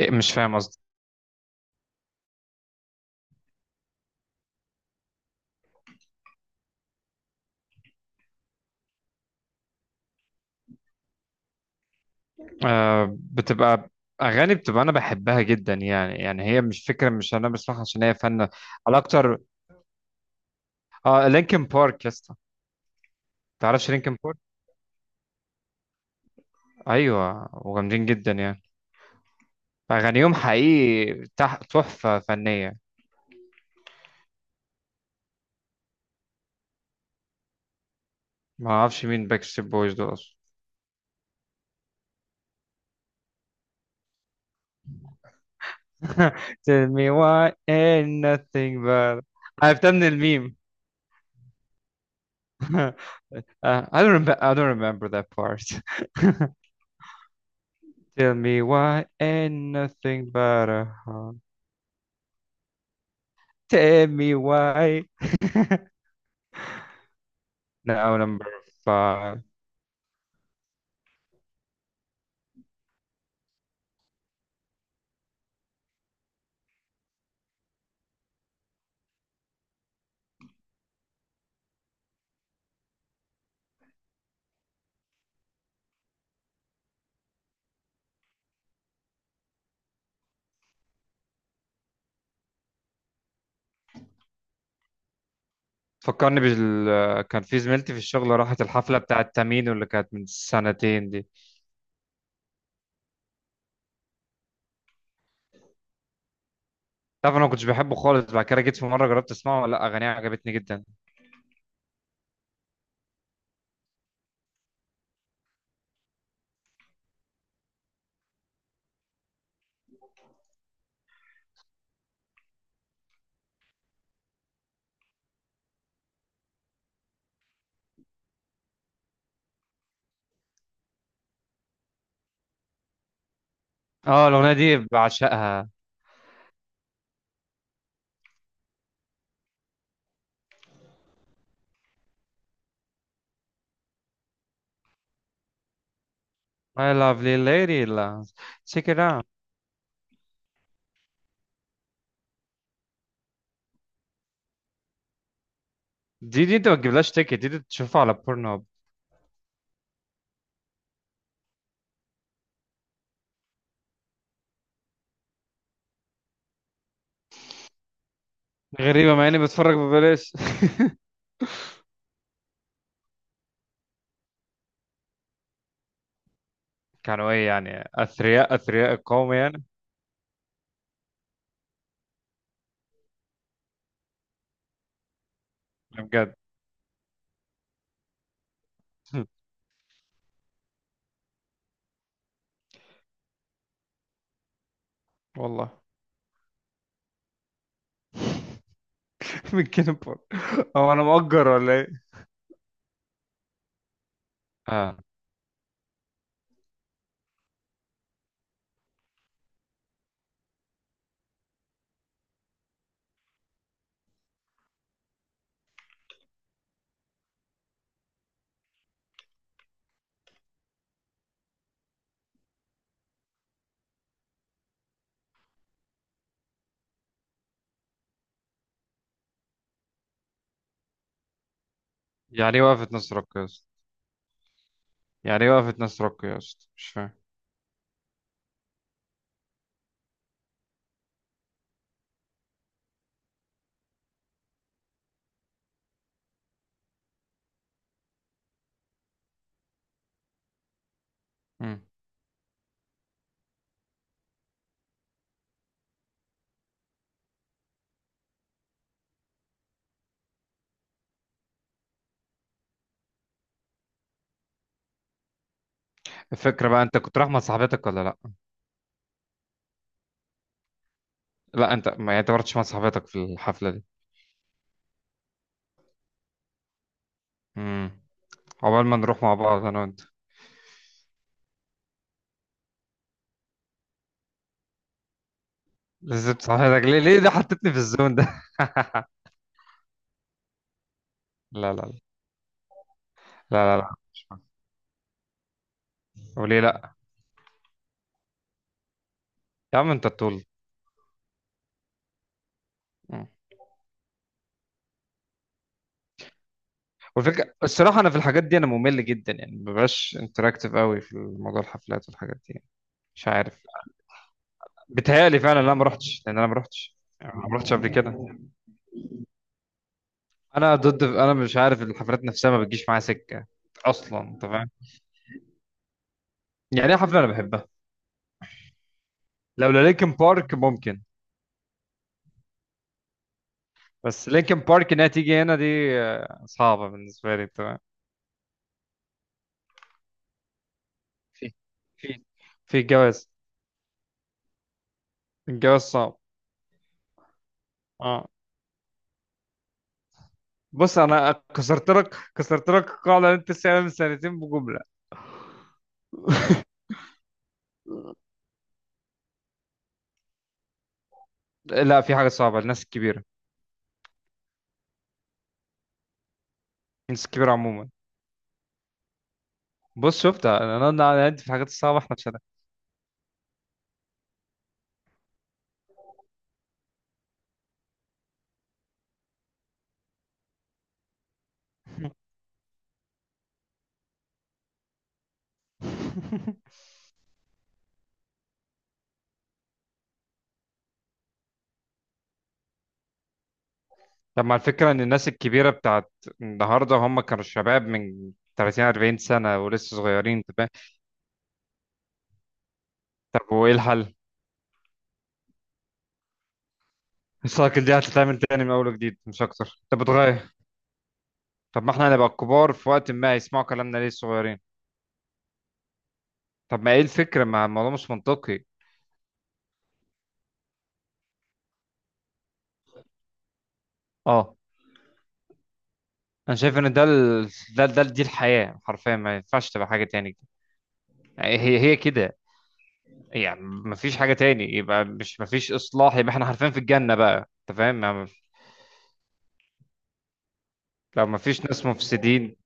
إيه، مش فاهم قصدي. آه، بتبقى اغاني، بتبقى انا بحبها جدا، يعني هي مش فكره، مش انا بسمعها عشان هي فن على اكتر. اه، لينكن بارك يا اسطى. تعرفش لينكن بارك؟ ايوه، وجامدين جدا يعني. اغانيهم حقيقي تحفه فنيه. ما اعرفش مين باك ستريت بويز دول اصلا. tell me why ain't nothing but. عرفتها من الميم. I don't remember that part. tell me why ain't nothing but a heart. tell me why. no number five. فكرني بال، كان في زميلتي في الشغل راحت الحفلة بتاعت تامينو اللي كانت من سنتين دي. تعرف انا ما كنتش بحبه خالص، بعد كده جيت في مرة جربت اسمعه، لا اغانيه عجبتني جدا. اه الاغنية دي بعشقها. My lovely lady. لا، check it out. دي انت ما تجيبلهاش تيكت، دي, دي تشوفها على بورن هاب. غريبة مع اني بتفرج ببلاش. كانوا ايه يعني، اثرياء، اثرياء القوم يعني. بجد. والله. من كنبر. هو انا مؤجر ولا ايه؟ اه. يعني ايه وقفت نص رق يا اسطى؟ يعني ايه وقفت نص رق يا اسطى، مش فاهم. مم. الفكرة بقى، انت كنت رايح مع صاحبتك ولا لا؟ لا، انت ما، يعني انت ما رحتش مع صاحبتك في الحفلة دي؟ امم. عقبال ما نروح مع بعض انا وانت. لازم صاحبتك؟ ليه؟ ليه ده حطيتني في الزون ده؟ لا لا لا. لا لا لا. وليه لا؟ يا عم انت طول. مم. والفكرة الصراحة أنا في الحاجات دي أنا ممل جدا، يعني مبقاش انتراكتيف قوي في موضوع الحفلات والحاجات دي يعني. مش عارف. بتهيألي فعلا لا ما رحتش، لان انا ما رحتش يعني، ما رحتش قبل كده. انا ضد، انا مش عارف الحفلات نفسها ما بتجيش معايا سكه اصلا، انت فاهم؟ يعني ايه حفله انا بحبها؟ لولا لينكن بارك ممكن، بس لينكن بارك انها تيجي هنا دي آه، صعبه بالنسبه لي، انت فاهم. في في في الجواز. الجواز صعب. اه. بص انا كسرت لك، كسرت لك القاعده اللي انت سألها من سنتين بجمله. لا في حاجه صعبه، الناس الكبيره. الناس الكبيره عموما. بص شفتها، انا أنا عندي في الحاجات الصعبه، احنا مش هنعمل. طب ما الفكرة إن الناس الكبيرة بتاعت النهاردة هم كانوا شباب من 30 40 سنة ولسه صغيرين، أنت فاهم؟ طب وإيه الحل؟ السايكل دي هتتعمل تاني من أول وجديد، مش أكتر أنت بتغير. طب ما إحنا هنبقى الكبار في وقت ما، يسمعوا كلامنا ليه الصغيرين؟ طب ما إيه الفكرة؟ ما الموضوع مش منطقي. أه. أنا شايف إن ده ال... ده دي الحياة حرفيا، ما ينفعش تبقى حاجة تاني. يعني هي هي كده، يعني ما فيش حاجة تاني، يبقى مش ما فيش إصلاح، يبقى إحنا حرفيا في الجنة بقى. أنت فاهم؟ ما- لو ما فيش ناس مفسدين.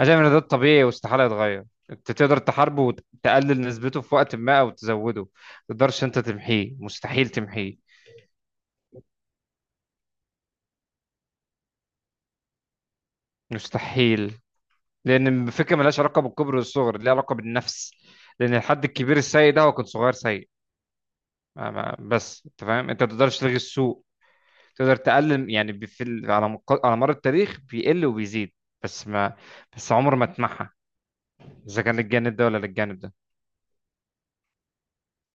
انا شايف ان ده الطبيعي واستحاله يتغير. انت تقدر تحاربه وتقلل نسبته في وقت ما او تزوده، ما تقدرش انت تمحيه، مستحيل تمحيه. مستحيل. لان الفكره ملهاش علاقه بالكبر والصغر، ليها علاقه بالنفس. لان الحد الكبير السيء ده هو كان صغير سيء. ما بس انت فاهم، انت ما تقدرش تلغي السوء. تقدر تقلل يعني بي- في ال- على مق... على مر التاريخ بيقل وبيزيد، بس ما، بس عمر ما تمحى، اذا كان للجانب ده ولا للجانب ده.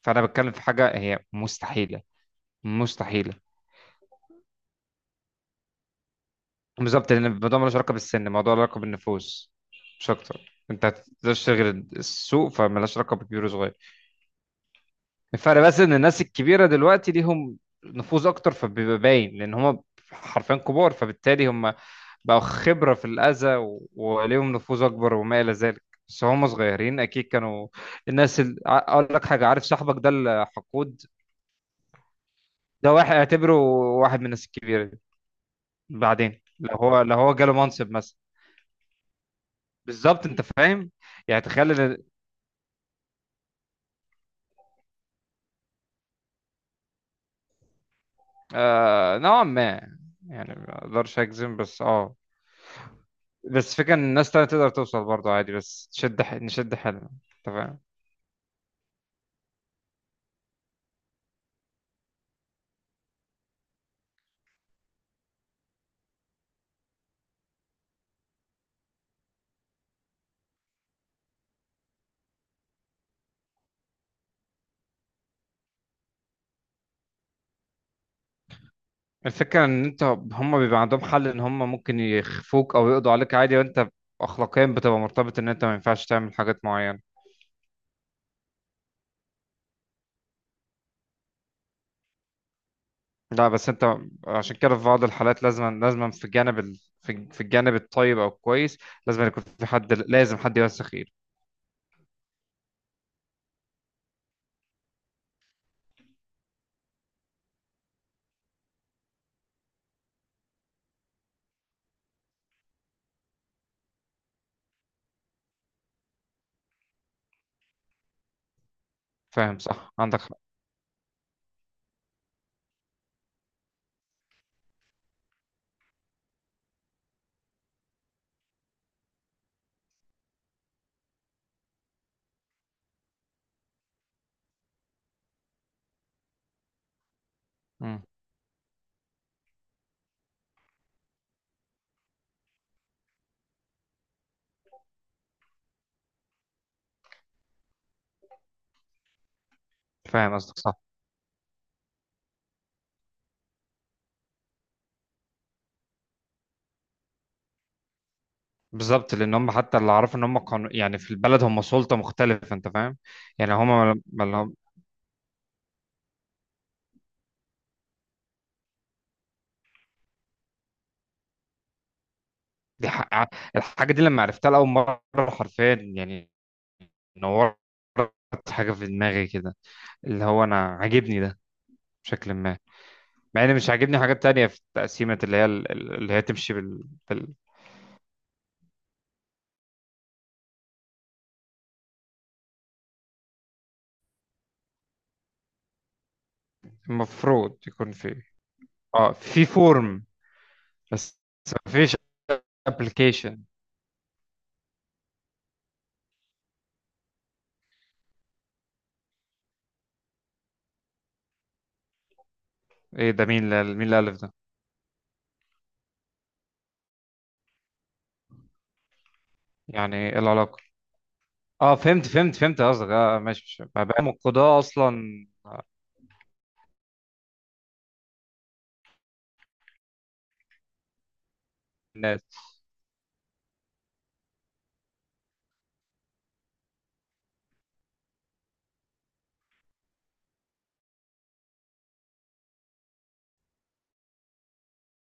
فانا بتكلم في حاجه هي مستحيله. مستحيله. بالظبط، لان الموضوع ملوش علاقه بالسن، الموضوع له علاقه بالنفوس مش اكتر. انت هتقدرش تشغل السوق، فملهاش علاقه بكبير وصغير. الفرق بس ان الناس الكبيره دلوقتي ليهم نفوذ اكتر، فبيبقى باين لان هم حرفيا كبار، فبالتالي هم بقوا خبره في الاذى وليهم نفوذ اكبر وما الى ذلك، بس هم صغيرين اكيد كانوا. الناس ال... ع- اقول لك حاجه، عارف صاحبك ده الحقود؟ ده واحد اعتبره واحد من الناس الكبيره دي. بعدين لو هو، لو هو جاله منصب مثلا. بالظبط انت فاهم، يعني تخيل. آه نوعا ما، يعني ما اقدرش اجزم، بس اه. بس فكرة ان الناس تانية تقدر توصل برضه عادي، بس تشد ح... نشد حيلنا، انت فاهم. الفكرة ان انت، هم بيبقى عندهم حل ان هم ممكن يخفوك او يقضوا عليك عادي، وانت اخلاقيا بتبقى مرتبط ان انت ما ينفعش تعمل حاجات معينة. لا بس انت، عشان كده في بعض الحالات لازم، لازم في الجانب ال... في الجانب الطيب او الكويس لازم يكون في حد، لازم حد يوسخ ايده. فاهم صح، عندك حق. مم. فاهم قصدك. بالظبط لان هم، حتى اللي اعرفه ان هم كانوا يعني في البلد هم سلطه مختلفه، انت فاهم. يعني هم ما، ما- دي ح- الحاجه دي لما عرفتها لاول مره حرفيا يعني نورت حاجه في دماغي كده، اللي هو انا عاجبني ده بشكل ما، مع ان مش عاجبني حاجات تانية في التقسيمه اللي هي ال- ال- اللي هي تمشي بال... بال... المفروض يكون في، اه، في فورم بس ما فيش ابلكيشن. ايه ده، مين اللي الف ده؟ يعني ايه العلاقه؟ اه فهمت، قصدك. اه ماشي ماشي. مبادئ من القضاء اصلا. الناس